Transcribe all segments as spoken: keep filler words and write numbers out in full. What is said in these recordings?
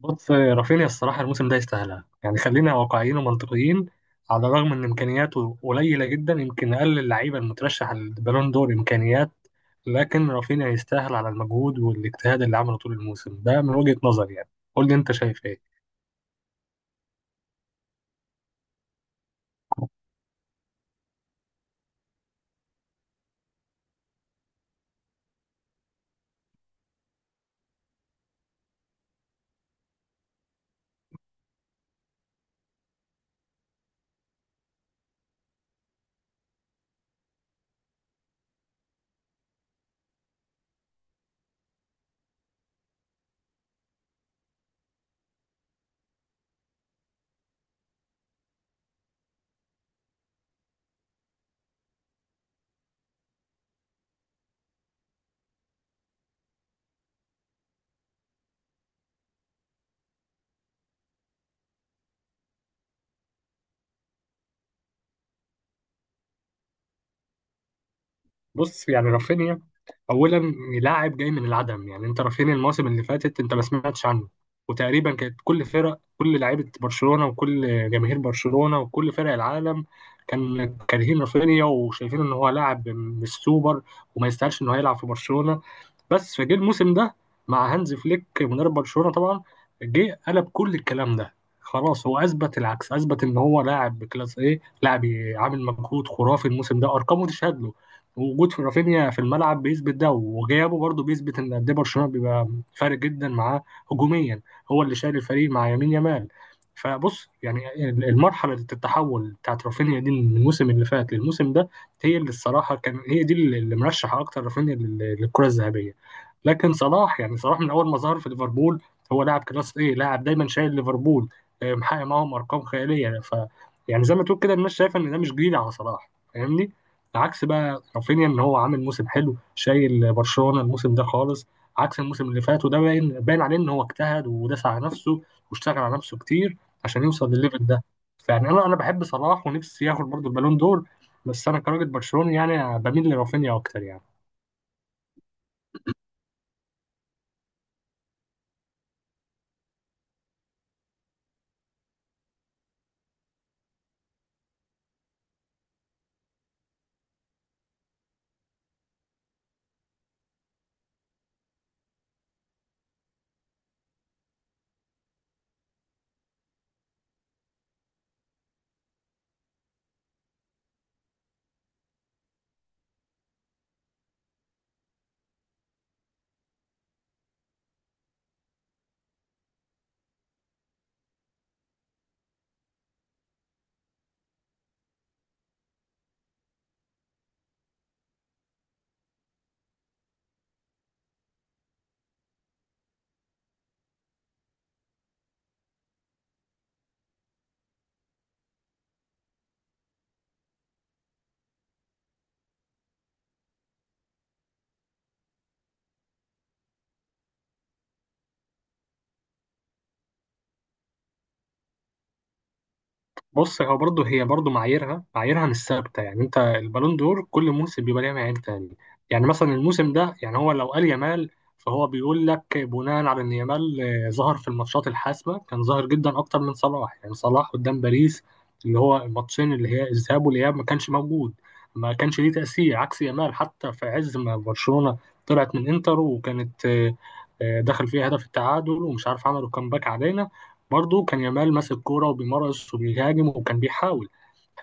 بص رافينيا الصراحة الموسم ده يستاهلها، يعني خلينا واقعيين ومنطقيين. على الرغم إن إمكانياته قليلة جدا، يمكن أقل اللعيبة المترشح للبالون دور إمكانيات. لكن رافينيا يستاهل على المجهود والاجتهاد اللي عمله طول الموسم ده، من وجهة نظري يعني. قول لي أنت شايف إيه؟ بص يعني رافينيا، اولا لاعب جاي من العدم. يعني انت رافينيا الموسم اللي فاتت انت ما سمعتش عنه. وتقريبا كانت كل فرق كل لعيبه برشلونه وكل جماهير برشلونه وكل فرق العالم كان كارهين رافينيا وشايفين ان هو لاعب مش سوبر وما يستاهلش ان هو يلعب في برشلونه. بس فجه الموسم ده مع هانز فليك مدرب برشلونة طبعا جه قلب كل الكلام ده. خلاص، هو اثبت العكس، اثبت ان هو لاعب بكلاس ايه لاعب، عامل مجهود خرافي الموسم ده. ارقامه تشهد له، وجود في رافينيا في الملعب بيثبت ده، وغيابه برضه بيثبت ان قد ايه برشلونة بيبقى فارق جدا معاه هجوميا. هو اللي شايل الفريق مع يمين يمال. فبص يعني المرحلة التحول بتاعت رافينيا دي من الموسم اللي فات للموسم ده، هي اللي الصراحة كان هي دي اللي مرشح أكتر رافينيا لل- للكرة الذهبية. لكن صلاح، يعني صلاح من اول ما ظهر في ليفربول هو لاعب كلاس ايه لاعب، دايما شايل ليفربول، آه، محقق معاهم ارقام خياليه يعني. ف يعني زي ما تقول كده، الناس شايفه ان ده مش جديد على صلاح، فاهمني؟ عكس بقى رافينيا، ان هو عامل موسم حلو شايل برشلونه الموسم ده خالص عكس الموسم اللي فات. وده باين باين عليه ان هو اجتهد وداس على نفسه واشتغل على نفسه كتير عشان يوصل للليفل ده. فيعني انا انا بحب صلاح ونفسي ياخد برضه البالون دور، بس انا كراجل برشلوني يعني بميل لرافينيا اكتر يعني. بص، هو برضه هي برضه معاييرها معاييرها مش ثابته. يعني انت البالون دور كل موسم بيبقى ليها معايير تاني. يعني مثلا الموسم ده، يعني هو لو قال يامال فهو بيقول لك بناء على ان يامال آه، ظهر في الماتشات الحاسمه، كان ظاهر جدا اكتر من صلاح. يعني صلاح قدام باريس، اللي هو الماتشين اللي هي الذهاب والاياب، ما كانش موجود، ما كانش ليه تاثير، عكس يامال. حتى في عز ما برشلونه طلعت من انتر، وكانت آه، آه، دخل فيها هدف التعادل، ومش عارف عملوا كامباك علينا، برضه كان يامال ماسك كوره وبيمارس وبيهاجم وكان بيحاول.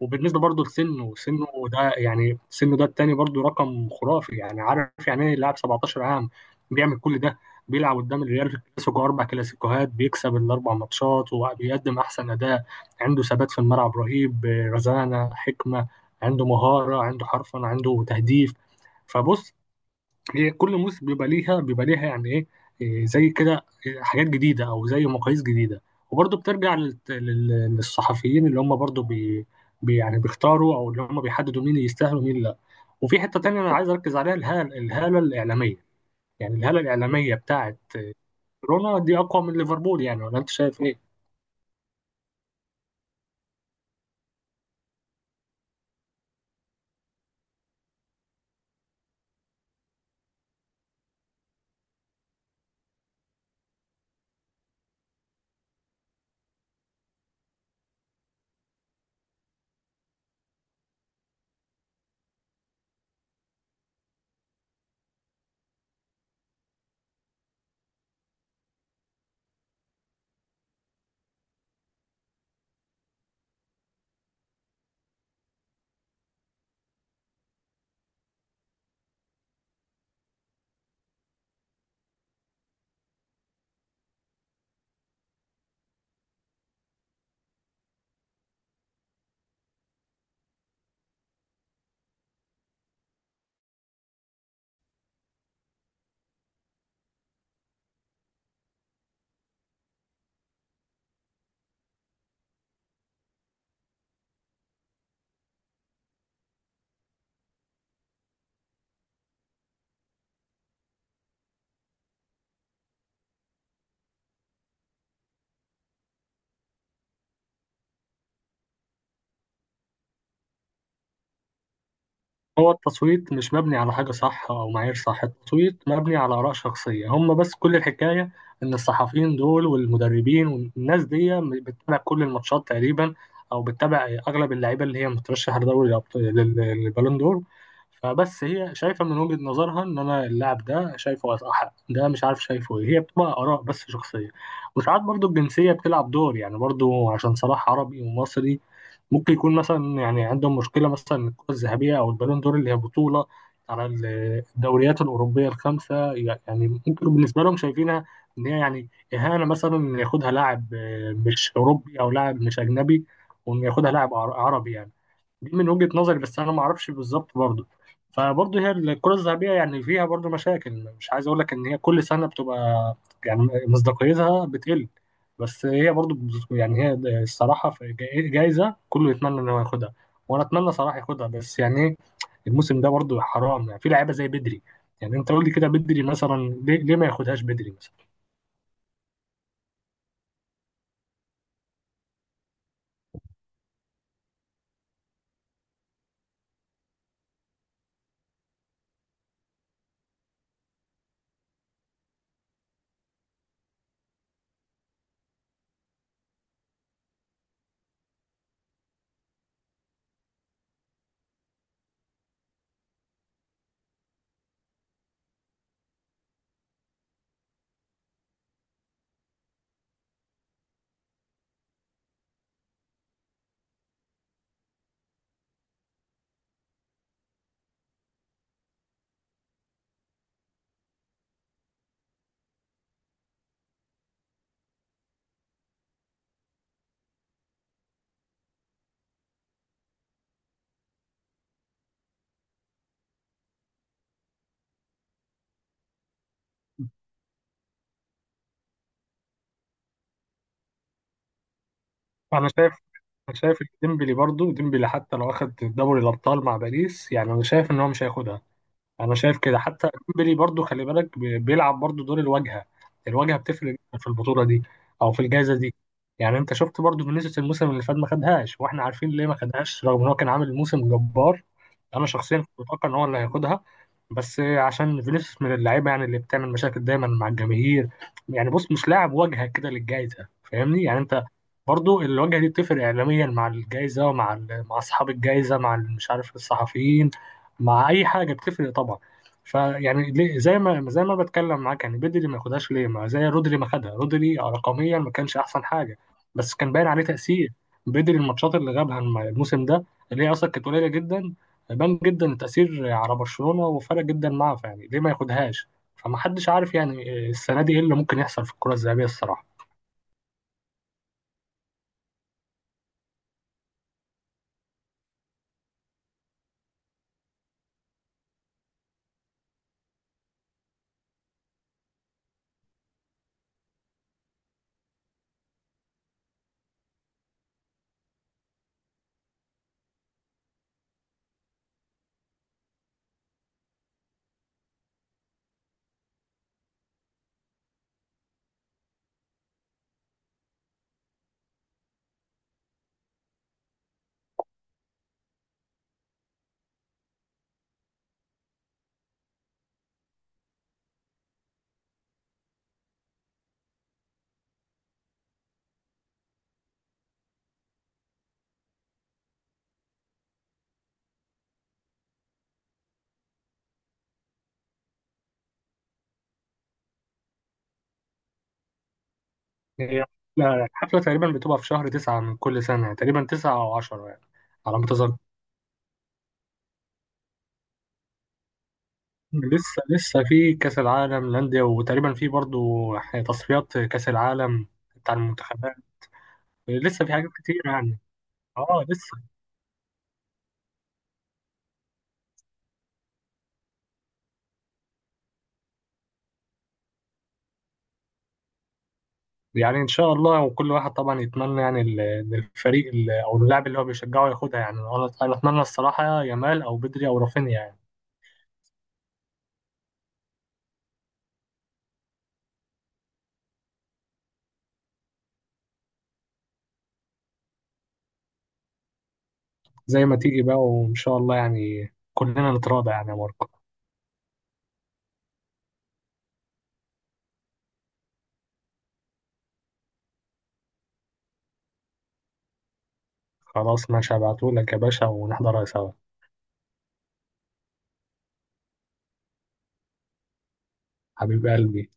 وبالنسبه برضه لسنه سنه ده، يعني سنه ده التاني برضه رقم خرافي. يعني عارف يعني ايه لاعب سبعتاشر عام بيعمل كل ده، بيلعب قدام الريال في الكلاسيكو اربع كلاسيكوهات بيكسب الاربع ماتشات وبيقدم احسن اداء، عنده ثبات في الملعب رهيب، رزانه، حكمه، عنده مهاره، عنده حرفنه، عنده تهديف. فبص، هي كل موسم بيبقى ليها بيبقى ليها يعني ايه، إيه زي كده، إيه حاجات جديده او زي مقاييس جديده. وبرضه بترجع للت- لل- للصحفيين اللي هم برضه بي بي- يعني بيختاروا او اللي هم بيحددوا مين اللي يستاهل ومين لا. وفي حته تانية انا عايز اركز عليها، الهاله الهاله الاعلاميه. يعني الهاله الاعلاميه بتاعت كورونا دي اقوى من ليفربول، يعني ولا انت شايف ايه؟ هو التصويت مش مبني على حاجة صح أو معايير صح، التصويت مبني على آراء شخصية هم، بس كل الحكاية إن الصحفيين دول والمدربين والناس دي بتتابع كل الماتشات تقريبا، أو بتتابع أغلب اللعيبة اللي هي مترشحة لدوري الأبط- لل- للبالون دور. فبس هي شايفة من وجهة نظرها إن أنا اللاعب ده شايفه أحق، ده مش عارف شايفه إيه، هي بتبقى آراء بس شخصية. وساعات برضو الجنسية بتلعب دور، يعني برضو عشان صلاح عربي ومصري، ممكن يكون مثلا يعني عندهم مشكلة مثلا إن الكرة الذهبية أو البالون دور اللي هي بطولة على ال- الدوريات الأوروبية الخمسة، يعني ممكن بالنسبة لهم شايفينها إن هي يعني إهانة مثلا إن ياخدها لاعب آه، مش أوروبي أو لاعب مش أجنبي، وإن ياخدها لاعب عر- عربي يعني. دي من وجهة نظري بس، انا ما اعرفش بالظبط برضه. فبرضه هي الكرة الذهبية يعني فيها برضه مشاكل، مش عايز اقول لك ان هي كل سنة بتبقى يعني مصداقيتها بتقل، بس هي برضه بت- يعني هي الصراحة في جا- جايزة كله يتمنى ان هو ياخدها، وانا اتمنى صراحة ياخدها. بس يعني إيه، الموسم ده برضه حرام يعني في لعيبة زي بدري. يعني انت قول لي كده بدري مثلا، ليه, ليه ما ياخدهاش بدري مثلا. انا شايف انا شايف ديمبلي برضه، ديمبلي حتى لو اخد دوري الابطال مع باريس يعني انا شايف ان هو مش هياخدها. انا شايف كده. حتى ديمبلي برضو خلي بالك بي- بيلعب برضو دور الواجهه. الواجهه بتفرق جدا في البطوله دي او في الجائزه دي. يعني انت شفت برضو فينيسيوس الموسم اللي فات ما خدهاش، واحنا عارفين ليه ما خدهاش رغم ان هو كان عامل موسم جبار. انا شخصيا كنت متوقع ان هو اللي هياخدها، بس عشان فينيسيوس من اللعيبه يعني اللي بتعمل مشاكل دايما مع الجماهير، يعني بص مش لاعب واجهه كده للجائزه، فاهمني؟ يعني انت برضو الواجهه دي بتفرق اعلاميا مع الجائزه ومع ال- مع اصحاب الجائزه مع ال- مش عارف الصحفيين، مع اي حاجه بتفرق طبعا. فيعني ليه- زي ما زي ما بتكلم معاك، يعني بدري ما ياخدهاش ليه؟ ما زي رودري ما خدها، رودري رقميا ما كانش احسن حاجه بس كان باين عليه تاثير. بدري الماتشات اللي غابها الم- الموسم ده، اللي هي اصلا كانت قليله جدا، بان جدا التاثير على برشلونه وفرق جدا معاه، فيعني ليه ما ياخدهاش؟ فما حدش عارف يعني السنه دي ايه اللي ممكن يحصل في الكره الذهبيه الصراحه. هي الحفله تقريبا بتبقى في شهر تسعة من كل سنه، تقريبا تسعة او عشرة يعني، على ما أتذكر. لسه لسه في كأس العالم للأندية، وتقريبا في برضو ح- تصفيات كأس العالم بتاع المنتخبات. لسه في حاجات كتير يعني. اه لسه. يعني ان شاء الله وكل واحد طبعا يتمنى يعني ال- إن الفريق ال- او اللاعب اللي هو بيشجعه ياخدها، يعني انا أنا اتمنى الصراحة يامال او بدري او رافينيا يعني. زي ما تيجي بقى، وان شاء الله يعني كلنا نتراضى يعني يا ماركو. خلاص ماشي، هبعتهولك يا باشا ونحضرها سوا. حبيب قلبي.